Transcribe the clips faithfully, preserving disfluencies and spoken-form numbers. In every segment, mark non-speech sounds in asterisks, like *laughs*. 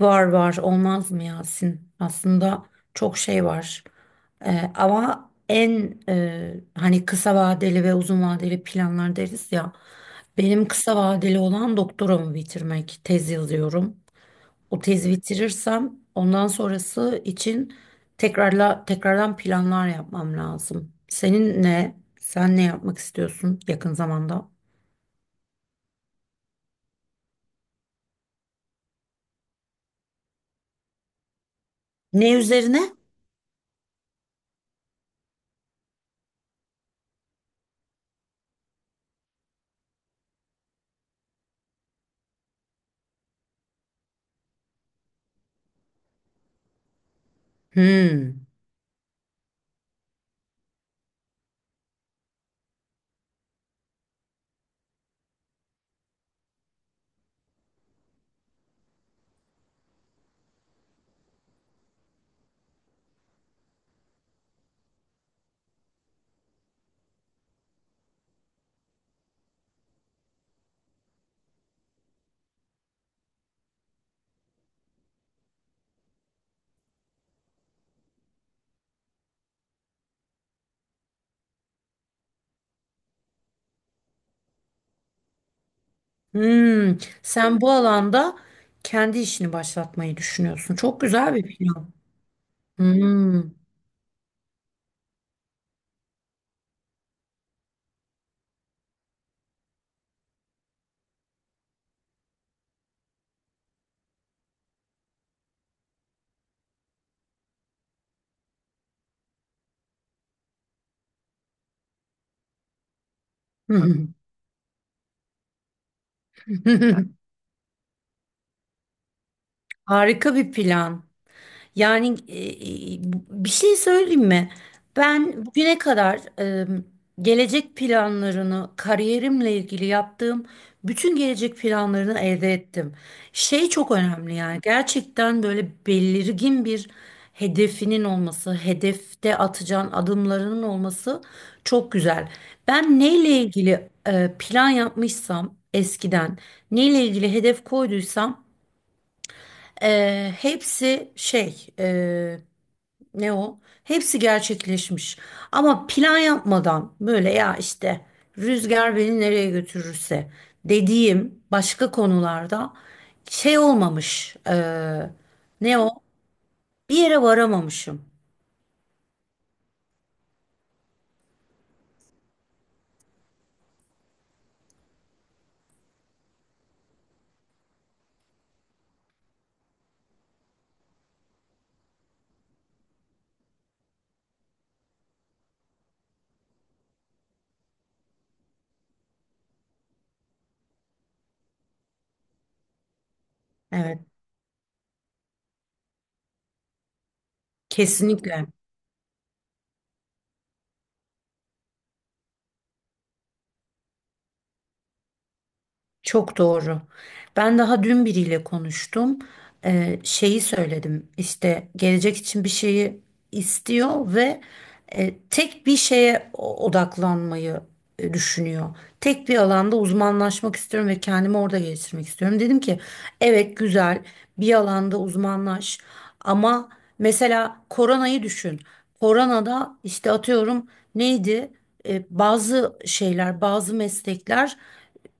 Var var olmaz mı Yasin? Aslında çok şey var. Ee, ama en e, hani kısa vadeli ve uzun vadeli planlar deriz ya. Benim kısa vadeli olan doktoramı bitirmek. Tez yazıyorum. O tezi bitirirsem ondan sonrası için tekrarla tekrardan planlar yapmam lazım. Senin ne? Sen ne yapmak istiyorsun yakın zamanda? Ne üzerine? Hmm. Hmm, sen bu alanda kendi işini başlatmayı düşünüyorsun. Çok güzel bir plan. Hmm. *laughs* Harika bir plan. Yani e, e, bir şey söyleyeyim mi? Ben bugüne kadar e, gelecek planlarını, kariyerimle ilgili yaptığım bütün gelecek planlarını elde ettim. Şey çok önemli yani gerçekten böyle belirgin bir hedefinin olması, hedefte atacağın adımlarının olması çok güzel. Ben neyle ilgili e, plan yapmışsam eskiden, neyle ilgili hedef koyduysam e, hepsi şey... e, ne o? Hepsi gerçekleşmiş. Ama plan yapmadan böyle ya işte rüzgar beni nereye götürürse dediğim başka konularda şey olmamış. Eee, ne o? Bir yere varamamışım. Evet, kesinlikle. Çok doğru. Ben daha dün biriyle konuştum. Ee, şeyi söyledim. İşte gelecek için bir şeyi istiyor ve e, tek bir şeye o- odaklanmayı e, düşünüyor. Tek bir alanda uzmanlaşmak istiyorum ve kendimi orada geliştirmek istiyorum. Dedim ki evet güzel bir alanda uzmanlaş ama mesela koronayı düşün. Koronada işte atıyorum neydi? E, bazı şeyler, bazı meslekler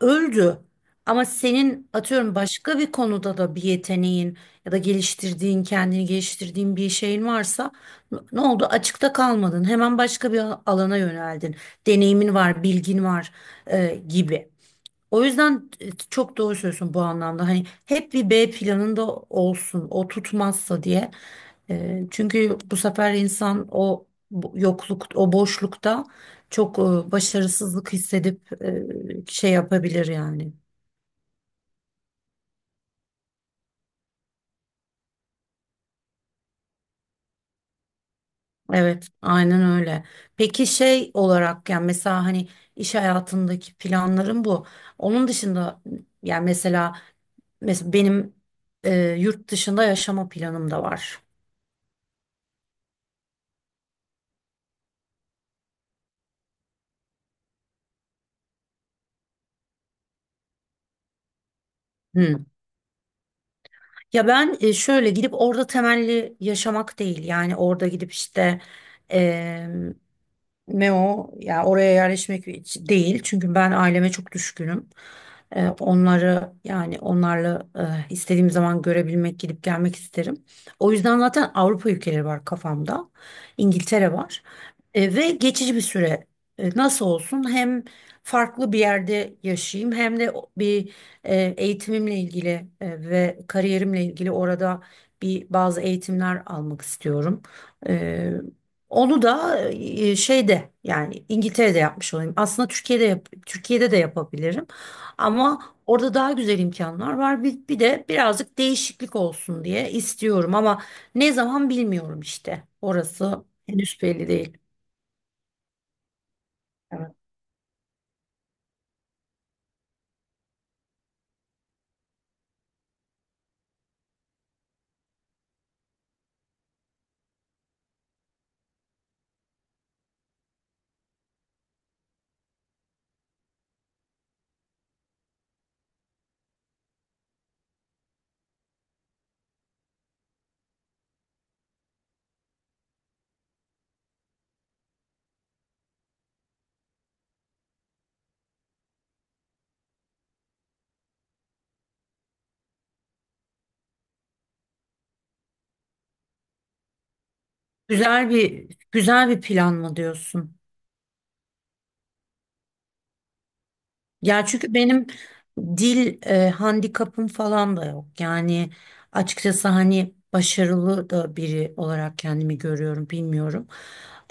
öldü. Ama senin atıyorum başka bir konuda da bir yeteneğin ya da geliştirdiğin, kendini geliştirdiğin bir şeyin varsa n- ne oldu? Açıkta kalmadın. Hemen başka bir al- alana yöneldin. Deneyimin var, bilgin var e, gibi. O yüzden e, çok doğru söylüyorsun bu anlamda. Hani hep bir B planında olsun, o tutmazsa diye. E, çünkü bu sefer insan o bu- yokluk, o boşlukta çok e, başarısızlık hissedip e, şey yapabilir yani. Evet, aynen öyle. Peki şey olarak yani mesela hani iş hayatındaki planlarım bu. Onun dışında yani mesela mesela benim e, yurt dışında yaşama planım da var. Hmm. Ya ben e, şöyle gidip orada temelli yaşamak değil yani orada gidip işte ne o? Ya oraya yerleşmek hiç değil. Çünkü ben aileme çok düşkünüm. Ee, onları yani onlarla e, istediğim zaman görebilmek, gidip gelmek isterim. O yüzden zaten Avrupa ülkeleri var kafamda. İngiltere var. E, ve geçici bir süre e, nasıl olsun hem farklı bir yerde yaşayayım hem de o- bir e, eğitimimle ilgili e, ve kariyerimle ilgili orada bir bazı eğitimler almak istiyorum. E, onu da e, şeyde yani İngiltere'de yapmış olayım. Aslında Türkiye'de yap- Türkiye'de de yapabilirim. Ama orada daha güzel imkanlar var. Bir, bir de birazcık değişiklik olsun diye istiyorum ama ne zaman bilmiyorum işte. Orası henüz belli değil. Evet. Güzel bir güzel bir plan mı diyorsun? Ya çünkü benim dil e, handikapım falan da yok. Yani açıkçası hani başarılı da biri olarak kendimi görüyorum, bilmiyorum.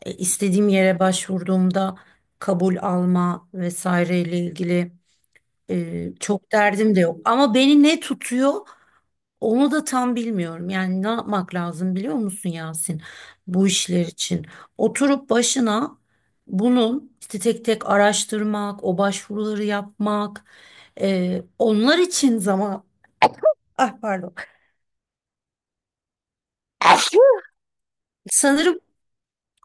E, istediğim yere başvurduğumda kabul alma vesaireyle ilgili e, çok derdim de yok. Ama beni ne tutuyor? Onu da tam bilmiyorum. Yani ne yapmak lazım biliyor musun Yasin? Bu işler için. Oturup başına bunun işte tek tek araştırmak, o başvuruları yapmak, e, onlar için zaman... Ah pardon. Sanırım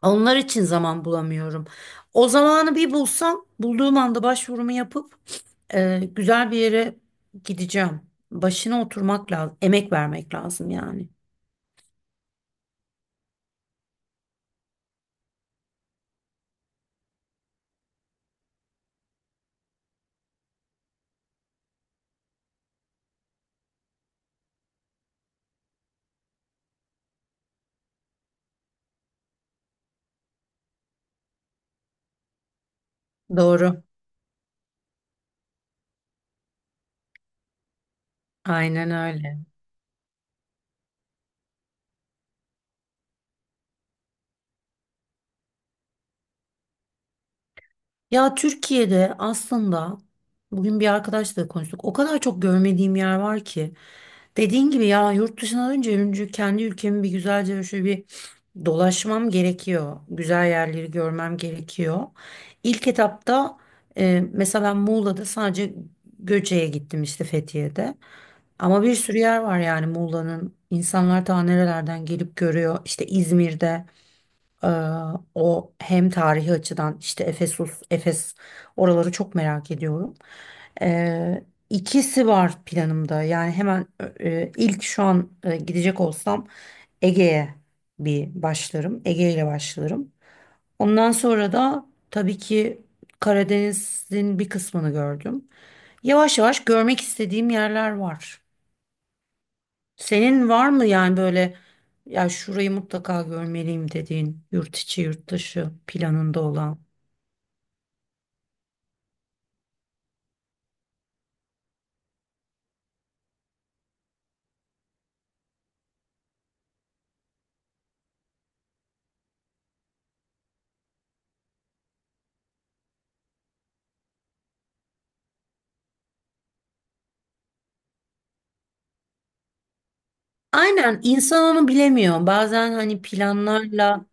onlar için zaman bulamıyorum. O zamanı bir bulsam, bulduğum anda başvurumu yapıp e, güzel bir yere gideceğim. Başına oturmak lazım, emek vermek lazım yani. Doğru. Aynen öyle. Ya Türkiye'de aslında bugün bir arkadaşla da konuştuk. O kadar çok görmediğim yer var ki. Dediğin gibi ya yurt dışına dönünce önce kendi ülkemi bir güzelce şöyle bir dolaşmam gerekiyor. Güzel yerleri görmem gerekiyor. İlk etapta e, mesela ben Muğla'da sadece Göce'ye gittim işte Fethiye'de. Ama bir sürü yer var yani Muğla'nın. İnsanlar daha nerelerden gelip görüyor. İşte İzmir'de. Ee, o hem tarihi açıdan işte Efesus, Efes oraları çok merak ediyorum. Ee, ikisi var planımda. Yani hemen e, ilk şu an e, gidecek olsam Ege'ye bir başlarım. Ege ile başlarım. Ondan sonra da tabii ki Karadeniz'in bir kısmını gördüm. Yavaş yavaş görmek istediğim yerler var. Senin var mı yani böyle ya şurayı mutlaka görmeliyim dediğin yurt içi yurt dışı planında olan? Aynen insan onu bilemiyor. Bazen hani planlarla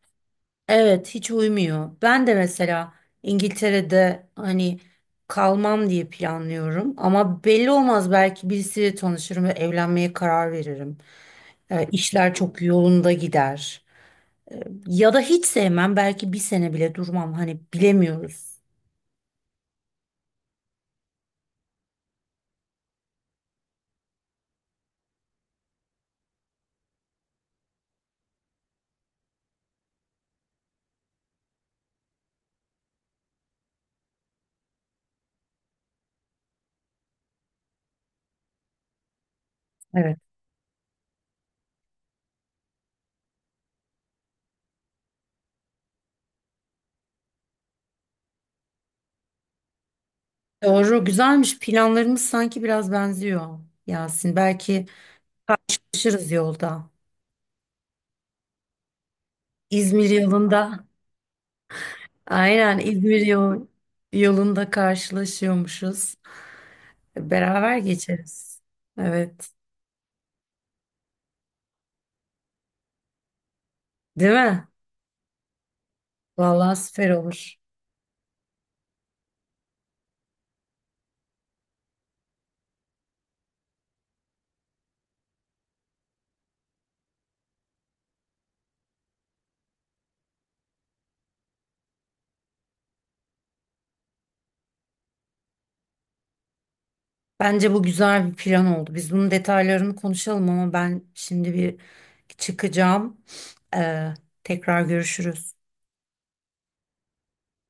evet hiç uymuyor. Ben de mesela İngiltere'de hani kalmam diye planlıyorum ama belli olmaz belki birisiyle tanışırım ve evlenmeye karar veririm. Ee, işler çok yolunda gider. Ya da hiç sevmem belki bir sene bile durmam hani bilemiyoruz. Evet. Doğru, güzelmiş. Planlarımız sanki biraz benziyor Yasin. Belki karşılaşırız yolda. İzmir yolunda. Aynen İzmir yol, yolunda karşılaşıyormuşuz. Beraber geçeriz. Evet. Değil mi? Vallahi süper olur. Bence bu güzel bir plan oldu. Biz bunun detaylarını konuşalım ama ben şimdi bir çıkacağım. Ee, tekrar görüşürüz.